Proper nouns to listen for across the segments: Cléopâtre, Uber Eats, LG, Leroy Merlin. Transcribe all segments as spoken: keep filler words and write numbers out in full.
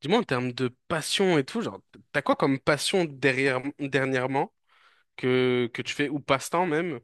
Dis-moi, en termes de passion et tout, genre, t'as quoi comme passion derrière, dernièrement que, que tu fais, ou passe-temps même?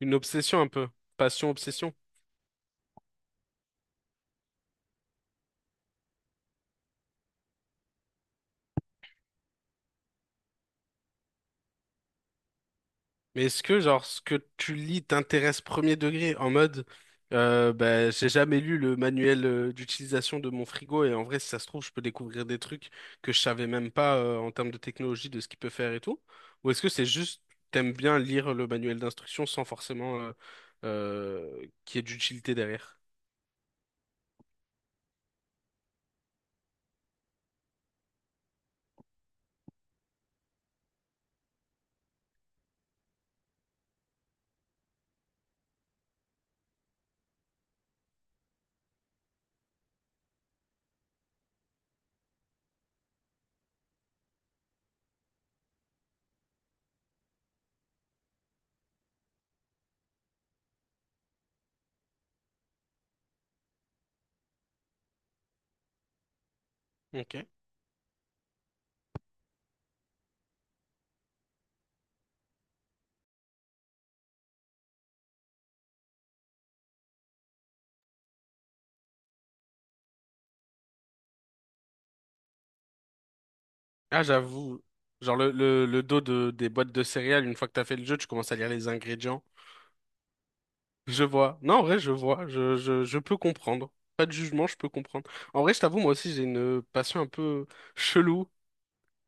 Une obsession un peu. Passion, obsession. Mais est-ce que, genre, ce que tu lis t'intéresse premier degré, en mode, euh, bah, j'ai jamais lu le manuel euh, d'utilisation de mon frigo, et en vrai, si ça se trouve, je peux découvrir des trucs que je savais même pas euh, en termes de technologie, de ce qu'il peut faire et tout? Ou est-ce que c'est juste, t'aimes bien lire le manuel d'instruction sans forcément euh, euh, qu'il y ait d'utilité derrière? Ok. Ah, j'avoue. Genre le, le, le dos de, des boîtes de céréales, une fois que t'as fait le jeu, tu commences à lire les ingrédients. Je vois. Non, en vrai, je vois. Je, je, je peux comprendre. Pas de jugement, je peux comprendre. En vrai, je t'avoue, moi aussi, j'ai une passion un peu chelou.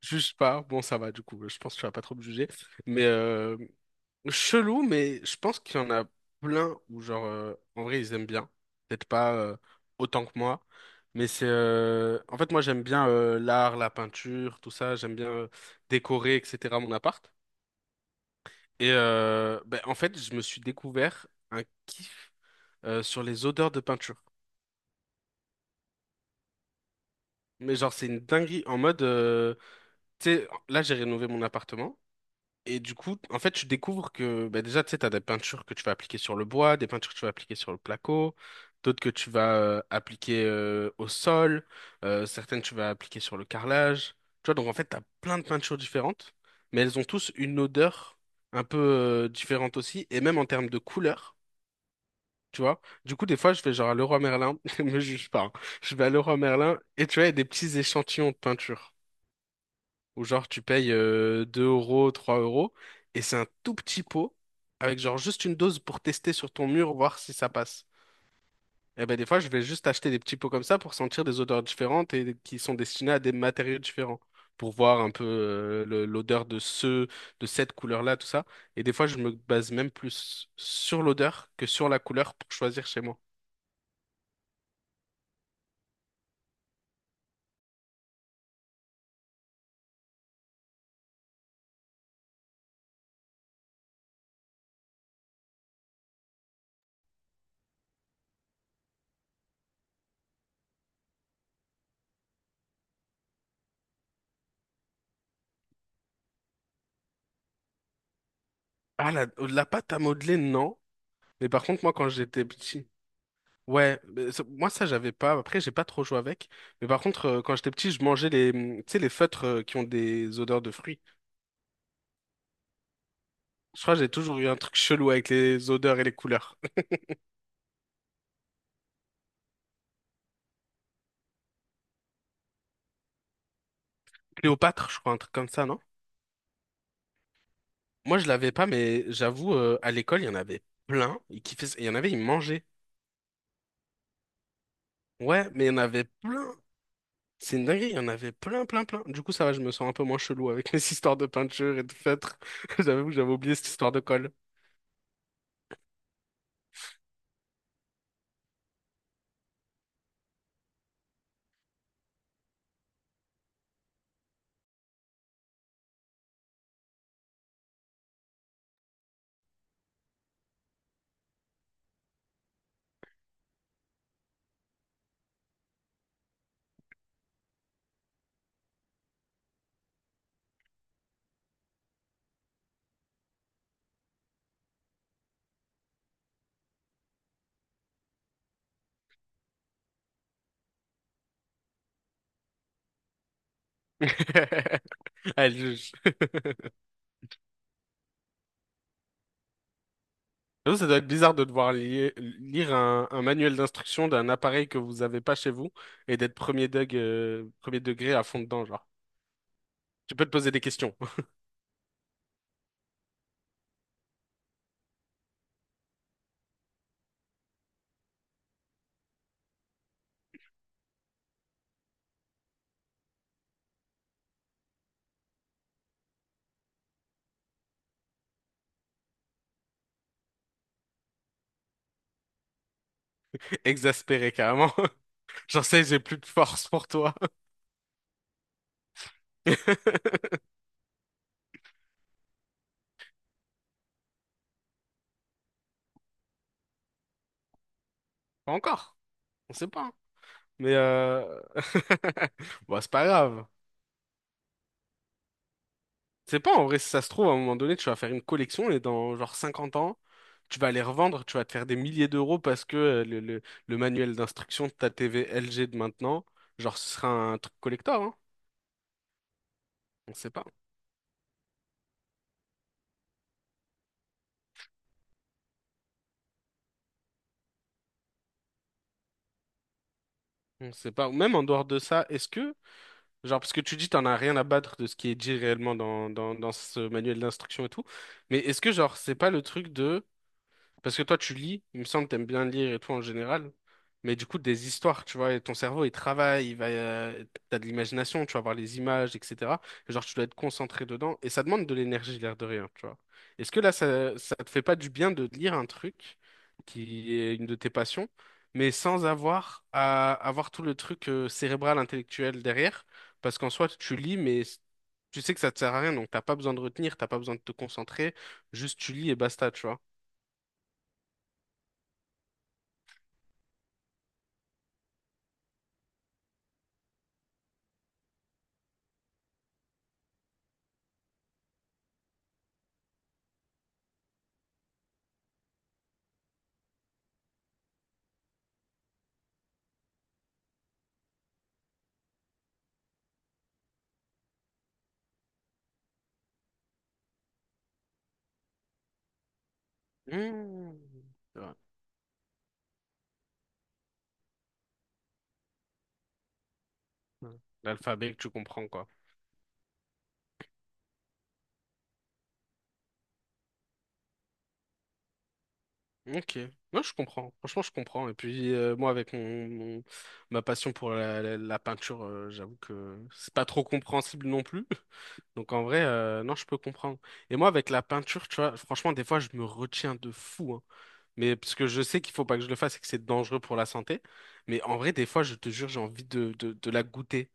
Juge pas. Bon, ça va, du coup. Je pense que tu vas pas trop me juger. Mais, euh, chelou, mais je pense qu'il y en a plein où, genre, euh, en vrai, ils aiment bien. Peut-être pas euh, autant que moi, mais c'est. euh, En fait, moi, j'aime bien euh, l'art, la peinture, tout ça. J'aime bien euh, décorer, et cetera mon appart. Et euh, ben, en fait, je me suis découvert un kiff euh, sur les odeurs de peinture. Mais genre, c'est une dinguerie en mode. euh, Tu sais, là, j'ai rénové mon appartement. Et du coup, en fait, tu découvres que bah, déjà, tu sais, tu as des peintures que tu vas appliquer sur le bois, des peintures que tu vas appliquer sur le placo, d'autres que tu vas euh, appliquer euh, au sol, euh, certaines tu vas appliquer sur le carrelage. Tu vois, donc en fait, tu as plein de peintures différentes, mais elles ont tous une odeur un peu euh, différente aussi, et même en termes de couleur, tu vois. Du coup, des fois, je vais genre à Leroy Merlin, ne me juge pas, hein. Je vais à Leroy Merlin, et tu vois, il y a des petits échantillons de peinture où genre tu payes euh, deux euros, trois euros, et c'est un tout petit pot avec genre juste une dose pour tester sur ton mur, voir si ça passe. Et ben des fois, je vais juste acheter des petits pots comme ça pour sentir des odeurs différentes et qui sont destinés à des matériaux différents, pour voir un peu euh, le- l'odeur de ce, de cette couleur-là, tout ça. Et des fois, je me base même plus sur l'odeur que sur la couleur pour choisir chez moi. Ah, la, la pâte à modeler, non. Mais par contre, moi, quand j'étais petit, ouais, mais ça- moi ça j'avais pas. Après j'ai pas trop joué avec. Mais par contre euh, quand j'étais petit je mangeais les, hum, tu sais les feutres euh, qui ont des odeurs de fruits. Je crois que j'ai toujours eu un truc chelou avec les odeurs et les couleurs. Cléopâtre je crois un truc comme ça non? Moi je l'avais pas mais j'avoue euh, à l'école il y en avait plein. Ils kiffaient ça. Il y en avait ils mangeaient. Ouais mais il y en avait plein. C'est une dinguerie il y en avait plein plein plein. Du coup ça va je me sens un peu moins chelou avec mes histoires de peinture et de feutres. J'avoue que j'avais oublié cette histoire de colle. Allez, juge. J'avoue, ça doit être bizarre de devoir lier- lire un, un manuel d'instruction d'un appareil que vous avez pas chez vous et d'être premier, deg- euh, premier degré à fond dedans, genre. Tu peux te poser des questions. Exaspéré, carrément. J'en sais, j'ai plus de force pour toi. Pas encore. On sait pas, hein. Mais euh... bon, c'est pas grave. C'est pas en vrai, si ça se trouve, à un moment donné, tu vas faire une collection et dans genre cinquante ans, tu vas les revendre, tu vas te faire des milliers d'euros parce que euh, le, le, le manuel d'instruction de ta T V L G de maintenant, genre ce sera un truc collector, hein. On sait pas. On sait pas. Ou même en dehors de ça, est-ce que, genre, parce que tu dis t'en as rien à battre de ce qui est dit réellement dans, dans, dans ce manuel d'instruction et tout, mais est-ce que, genre, c'est pas le truc de. Parce que toi, tu lis, il me semble que t'aimes bien lire et tout en général. Mais du coup, des histoires, tu vois, et ton cerveau, il travaille, il va, euh, t'as de l'imagination, tu vas voir les images, et cetera. Et genre, tu dois être concentré dedans. Et ça demande de l'énergie, l'air de rien, tu vois. Est-ce que là, ça, ça te fait pas du bien de lire un truc qui est une de tes passions, mais sans avoir à avoir tout le truc euh, cérébral, intellectuel derrière? Parce qu'en soi, tu lis, mais tu sais que ça te sert à rien, donc t'as pas besoin de retenir, t'as pas besoin de te concentrer, juste tu lis et basta, tu vois. Mmh. C'est vrai. Ouais. L'alphabet que tu comprends, quoi. Ok. Moi, je comprends. Franchement, je comprends. Et puis, euh, moi, avec mon, mon- ma passion pour la, la- la peinture, euh, j'avoue que c'est pas trop compréhensible non plus. Donc, en vrai, euh, non, je peux comprendre. Et moi, avec la peinture, tu vois, franchement, des fois, je me retiens de fou, hein. Mais parce que je sais qu'il faut pas que je le fasse et que c'est dangereux pour la santé. Mais en vrai, des fois, je te jure, j'ai envie de, de, de la goûter.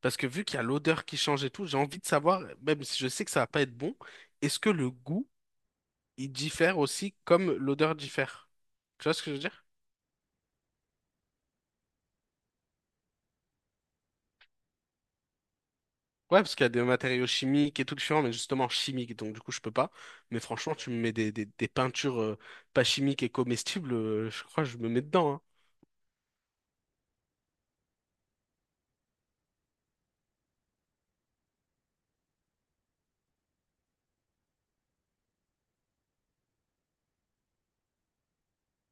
Parce que vu qu'il y a l'odeur qui change et tout, j'ai envie de savoir, même si je sais que ça va pas être bon, est-ce que le goût il diffère aussi comme l'odeur diffère. Tu vois ce que je veux dire? Ouais, parce qu'il y a des matériaux chimiques et tout différents, mais justement chimiques, donc du coup je peux pas. Mais franchement, tu me mets des, des, des peintures euh, pas chimiques et comestibles, euh, je crois que je me mets dedans, hein.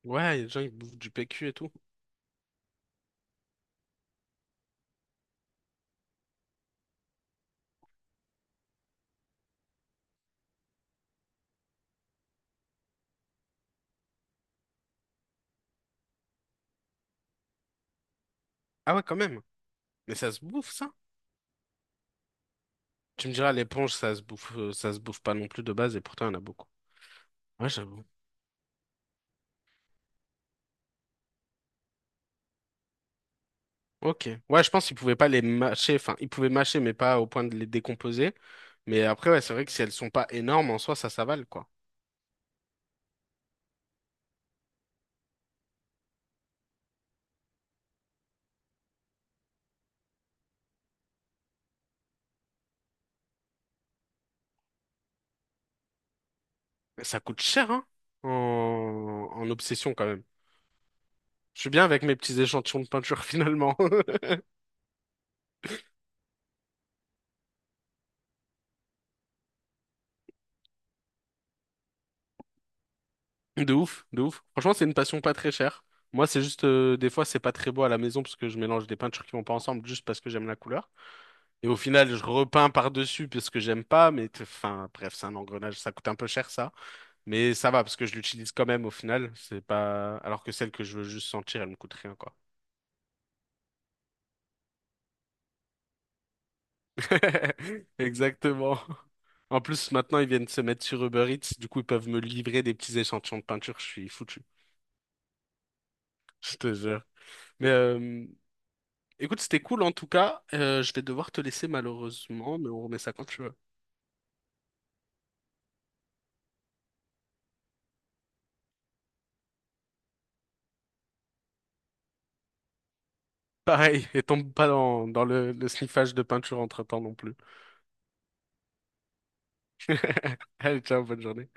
Ouais, il y a des gens qui bouffent du P Q et tout. Ah ouais, quand même. Mais ça se bouffe, ça? Tu me diras, l'éponge, ça se bouffe, euh, ça se bouffe pas non plus de base, et pourtant il y en a beaucoup. Ouais, j'avoue. Ok. Ouais, je pense qu'ils pouvaient pas les mâcher, enfin, ils pouvaient mâcher, mais pas au point de les décomposer. Mais après, ouais, c'est vrai que si elles sont pas énormes, en soi, ça s'avale, quoi. Ça coûte cher, hein, en, en obsession quand même. Je suis bien avec mes petits échantillons de peinture finalement. De ouf, de ouf. Franchement, c'est une passion pas très chère. Moi, c'est juste, euh, des fois, c'est pas très beau à la maison parce que je mélange des peintures qui vont pas ensemble juste parce que j'aime la couleur. Et au final, je repeins par-dessus parce que j'aime pas, mais t- enfin, bref, c'est un engrenage. Ça coûte un peu cher, ça. Mais ça va parce que je l'utilise quand même au final. C'est pas, alors que celle que je veux juste sentir, elle me coûte rien, quoi. Exactement. En plus, maintenant, ils viennent se mettre sur Uber Eats, du coup, ils peuvent me livrer des petits échantillons de peinture, je suis foutu, je te jure. Mais euh, écoute, c'était cool en tout cas. Euh, je vais devoir te laisser malheureusement, mais on remet ça quand tu veux. Pareil, et tombe pas dans, dans le, le sniffage de peinture entre-temps non plus. Allez, ciao, bonne journée.